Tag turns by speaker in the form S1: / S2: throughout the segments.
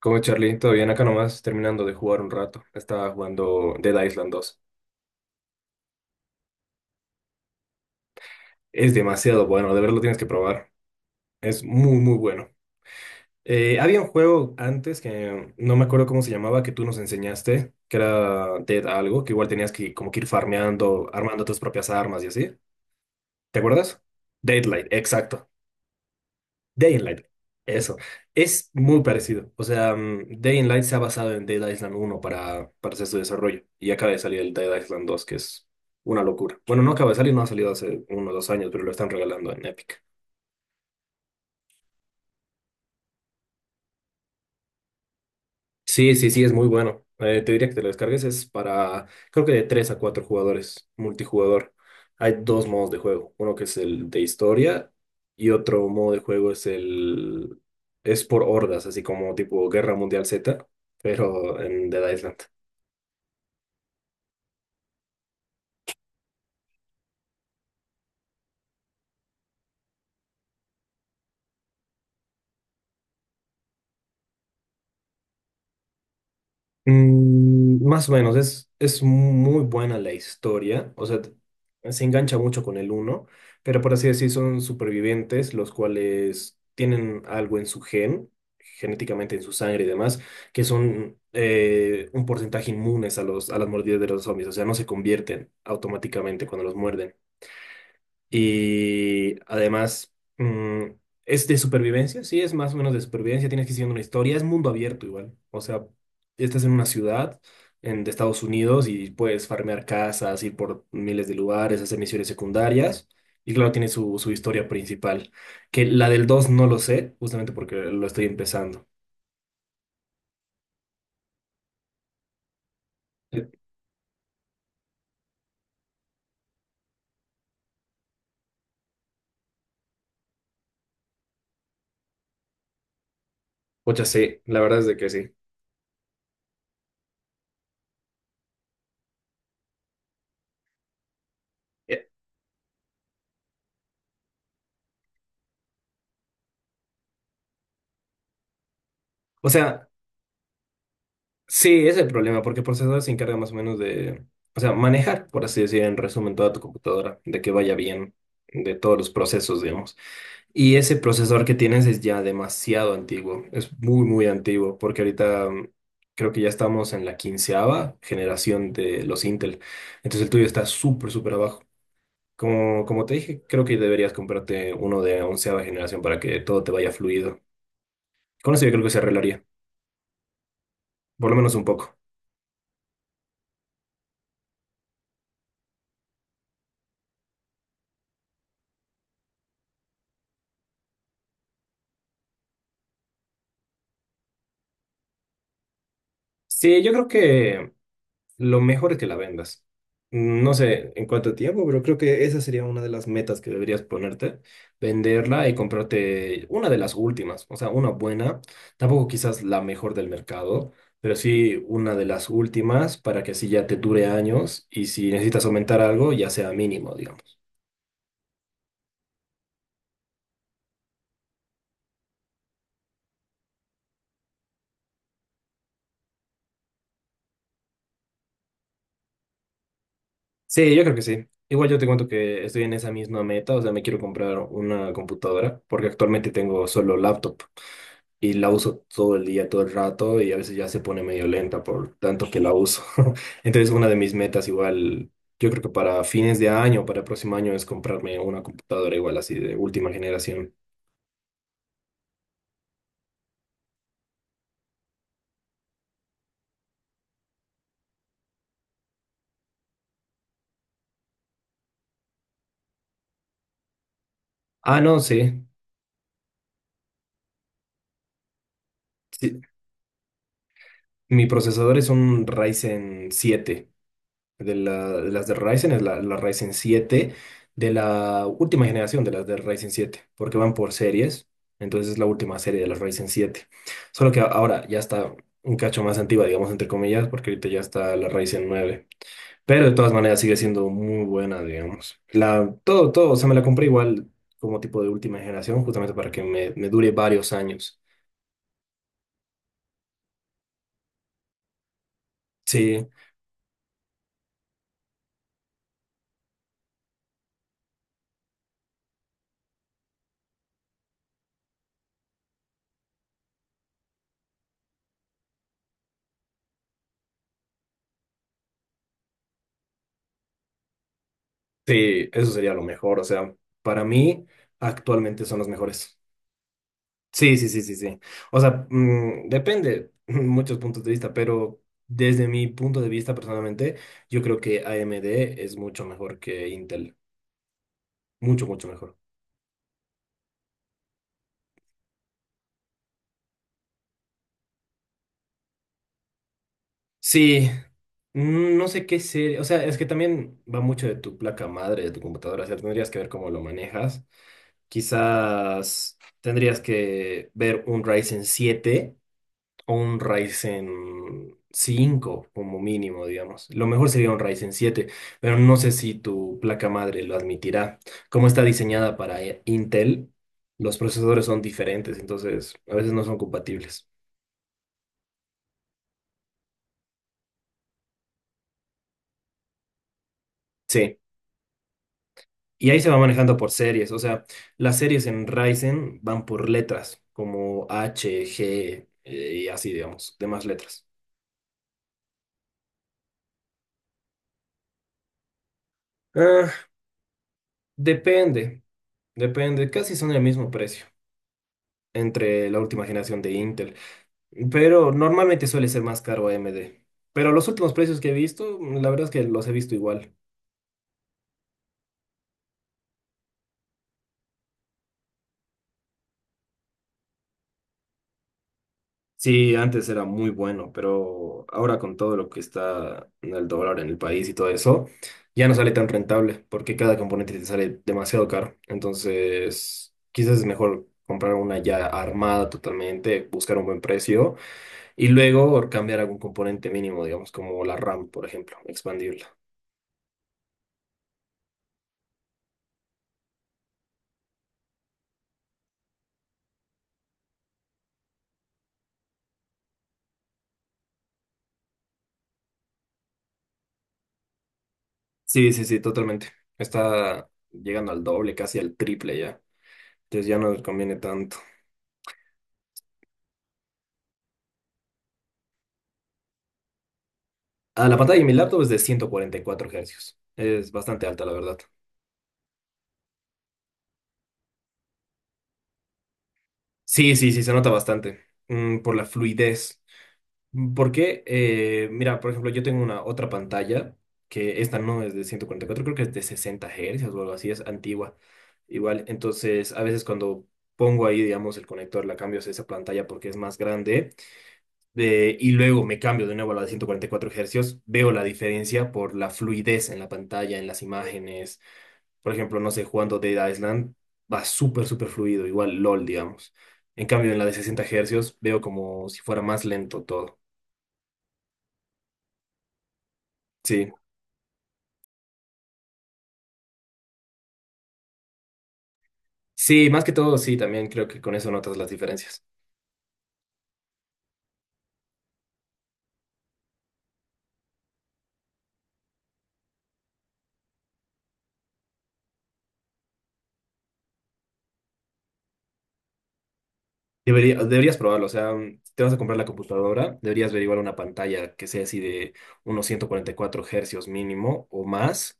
S1: Como Charlie, todo bien, acá nomás terminando de jugar un rato. Estaba jugando Dead Island dos. Es demasiado bueno, de verdad lo tienes que probar. Es muy, muy bueno. Había un juego antes que no me acuerdo cómo se llamaba, que tú nos enseñaste, que era Dead algo, que igual tenías que como que ir farmeando, armando tus propias armas y así. ¿Te acuerdas? Deadlight, exacto. Day and Light, eso. Es muy parecido. O sea, Day and Light se ha basado en Dead Island 1 para hacer su desarrollo. Y acaba de salir el Dead Island 2, que es una locura. Bueno, no acaba de salir, no ha salido hace unos 2 años, pero lo están regalando en Epic. Sí, sí, sí, es muy bueno. Te diría que te lo descargues. Es para, creo que de 3 a 4 jugadores, multijugador. Hay dos modos de juego. Uno que es el de historia y otro modo de juego es el. Es por hordas, así como tipo Guerra Mundial Z, pero en Dead Island. Más o menos, es muy buena la historia, o sea, se engancha mucho con el uno, pero por así decir, son supervivientes los cuales tienen algo en su gen, genéticamente en su sangre y demás, que son un porcentaje inmunes a a las mordidas de los zombies, o sea, no se convierten automáticamente cuando los muerden. Y además, es de supervivencia, sí, es más o menos de supervivencia, tienes que ir siguiendo una historia, es mundo abierto igual. O sea, estás en una ciudad de Estados Unidos y puedes farmear casas, ir por miles de lugares, hacer misiones secundarias. Y claro, tiene su historia principal, que la del 2 no lo sé, justamente porque lo estoy empezando. Eh, Pucha, sí, la verdad es de que sí. Eh, O sea, sí, ese es el problema, porque el procesador se encarga más o menos de, o sea, manejar, por así decir, en resumen, toda tu computadora, de que vaya bien, de todos los procesos, digamos. Y ese procesador que tienes es ya demasiado antiguo, es muy, muy antiguo, porque ahorita creo que ya estamos en la quinceava generación de los Intel. Entonces el tuyo está súper, súper abajo. Como te dije, creo que deberías comprarte uno de onceava generación para que todo te vaya fluido. Con eso yo creo que se arreglaría, por lo menos un poco. Sí, yo creo que lo mejor es que la vendas. No sé en cuánto tiempo, pero creo que esa sería una de las metas que deberías ponerte, venderla y comprarte una de las últimas, o sea, una buena, tampoco quizás la mejor del mercado, pero sí una de las últimas para que así ya te dure años y si necesitas aumentar algo, ya sea mínimo, digamos. Sí, yo creo que sí. Igual yo te cuento que estoy en esa misma meta, o sea, me quiero comprar una computadora porque actualmente tengo solo laptop y la uso todo el día, todo el rato y a veces ya se pone medio lenta por tanto que la uso. Entonces una de mis metas igual, yo creo que para fines de año, para el próximo año es comprarme una computadora igual así de última generación. Ah, no, sí. Sí, mi procesador es un Ryzen 7 de las de Ryzen, es la Ryzen 7 de la última generación de las de Ryzen siete porque van por series, entonces es la última serie de las Ryzen 7. Solo que ahora ya está un cacho más antigua, digamos, entre comillas, porque ahorita ya está la Ryzen 9. Pero de todas maneras sigue siendo muy buena, digamos. Todo, todo, o sea, me la compré igual como tipo de última generación, justamente para que me dure varios años. Sí, sí, eso sería lo mejor, o sea, para mí actualmente son los mejores. Sí, sí, sí, sí, sí. O sea, depende muchos puntos de vista, pero desde mi punto de vista personalmente, yo creo que AMD es mucho mejor que Intel. Mucho, mucho mejor. Sí, no sé qué serie. O sea, es que también va mucho de tu placa madre, de tu computadora. O sea, tendrías que ver cómo lo manejas. Quizás tendrías que ver un Ryzen 7, o un Ryzen 5 como mínimo, digamos. Lo mejor sería un Ryzen 7, pero no sé si tu placa madre lo admitirá. Como está diseñada para Intel, los procesadores son diferentes, entonces a veces no son compatibles. Sí, y ahí se va manejando por series, o sea, las series en Ryzen van por letras, como H, G, y así, digamos, demás letras. Ah, depende, depende, casi son el mismo precio entre la última generación de Intel. Pero normalmente suele ser más caro AMD. Pero los últimos precios que he visto, la verdad es que los he visto igual. Sí, antes era muy bueno, pero ahora con todo lo que está en el dólar en el país y todo eso, ya no sale tan rentable porque cada componente te sale demasiado caro. Entonces, quizás es mejor comprar una ya armada totalmente, buscar un buen precio y luego cambiar algún componente mínimo, digamos, como la RAM, por ejemplo, expandirla. Sí, sí, sí, totalmente. Está llegando al doble, casi al triple ya. Entonces ya no nos conviene tanto. Ah, la pantalla de mi laptop es de 144 Hz. Es bastante alta, la verdad. Sí, sí, sí, se nota bastante. Por la fluidez. Porque, mira, por ejemplo, yo tengo una otra pantalla que esta no es de 144, creo que es de 60 Hz o algo así, es antigua. Igual, entonces a veces cuando pongo ahí, digamos, el conector, la cambio a esa pantalla porque es más grande y luego me cambio de nuevo a la de 144 hercios, veo la diferencia por la fluidez en la pantalla, en las imágenes. Por ejemplo, no sé, jugando Dead Island va súper, súper fluido, igual LOL, digamos. En cambio, en la de 60 hercios veo como si fuera más lento todo. Sí, sí, más que todo, sí, también creo que con eso notas las diferencias. Deberías probarlo, o sea, si te vas a comprar la computadora, deberías averiguar una pantalla que sea así de unos 144 hercios mínimo o más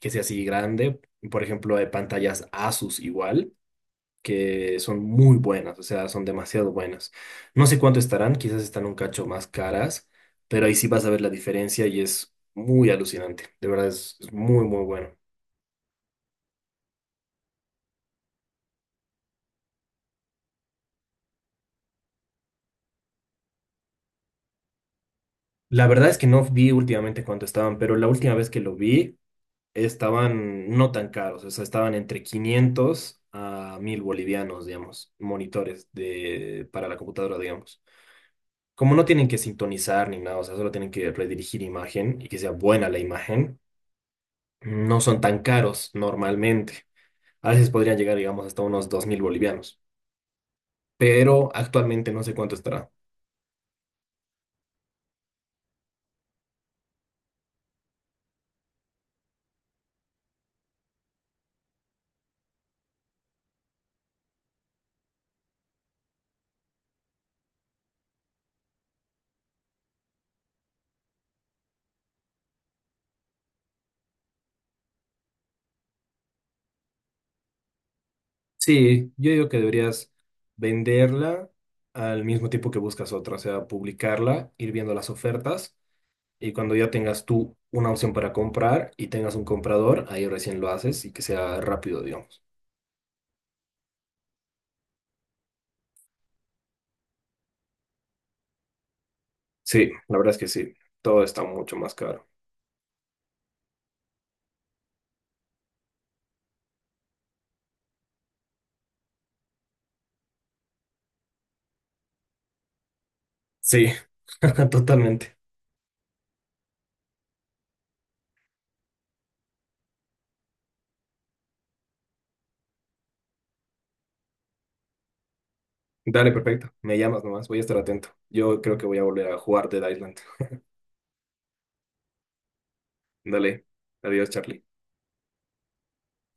S1: que sea así grande. Por ejemplo, hay pantallas Asus igual, que son muy buenas, o sea, son demasiado buenas. No sé cuánto estarán, quizás están un cacho más caras, pero ahí sí vas a ver la diferencia y es muy alucinante. De verdad, es muy, muy bueno. La verdad es que no vi últimamente cuánto estaban, pero la última vez que lo vi estaban no tan caros, o sea, estaban entre 500 a 1.000 bolivianos, digamos, monitores para la computadora, digamos. Como no tienen que sintonizar ni nada, o sea, solo tienen que redirigir imagen y que sea buena la imagen, no son tan caros normalmente. A veces podrían llegar, digamos, hasta unos 2.000 bolivianos, pero actualmente no sé cuánto estará. Sí, yo digo que deberías venderla al mismo tiempo que buscas otra, o sea, publicarla, ir viendo las ofertas y cuando ya tengas tú una opción para comprar y tengas un comprador, ahí recién lo haces y que sea rápido, digamos. Sí, la verdad es que sí, todo está mucho más caro. Sí, totalmente. Dale, perfecto. Me llamas nomás, voy a estar atento. Yo creo que voy a volver a jugar Dead Island. Dale. Adiós, Charlie.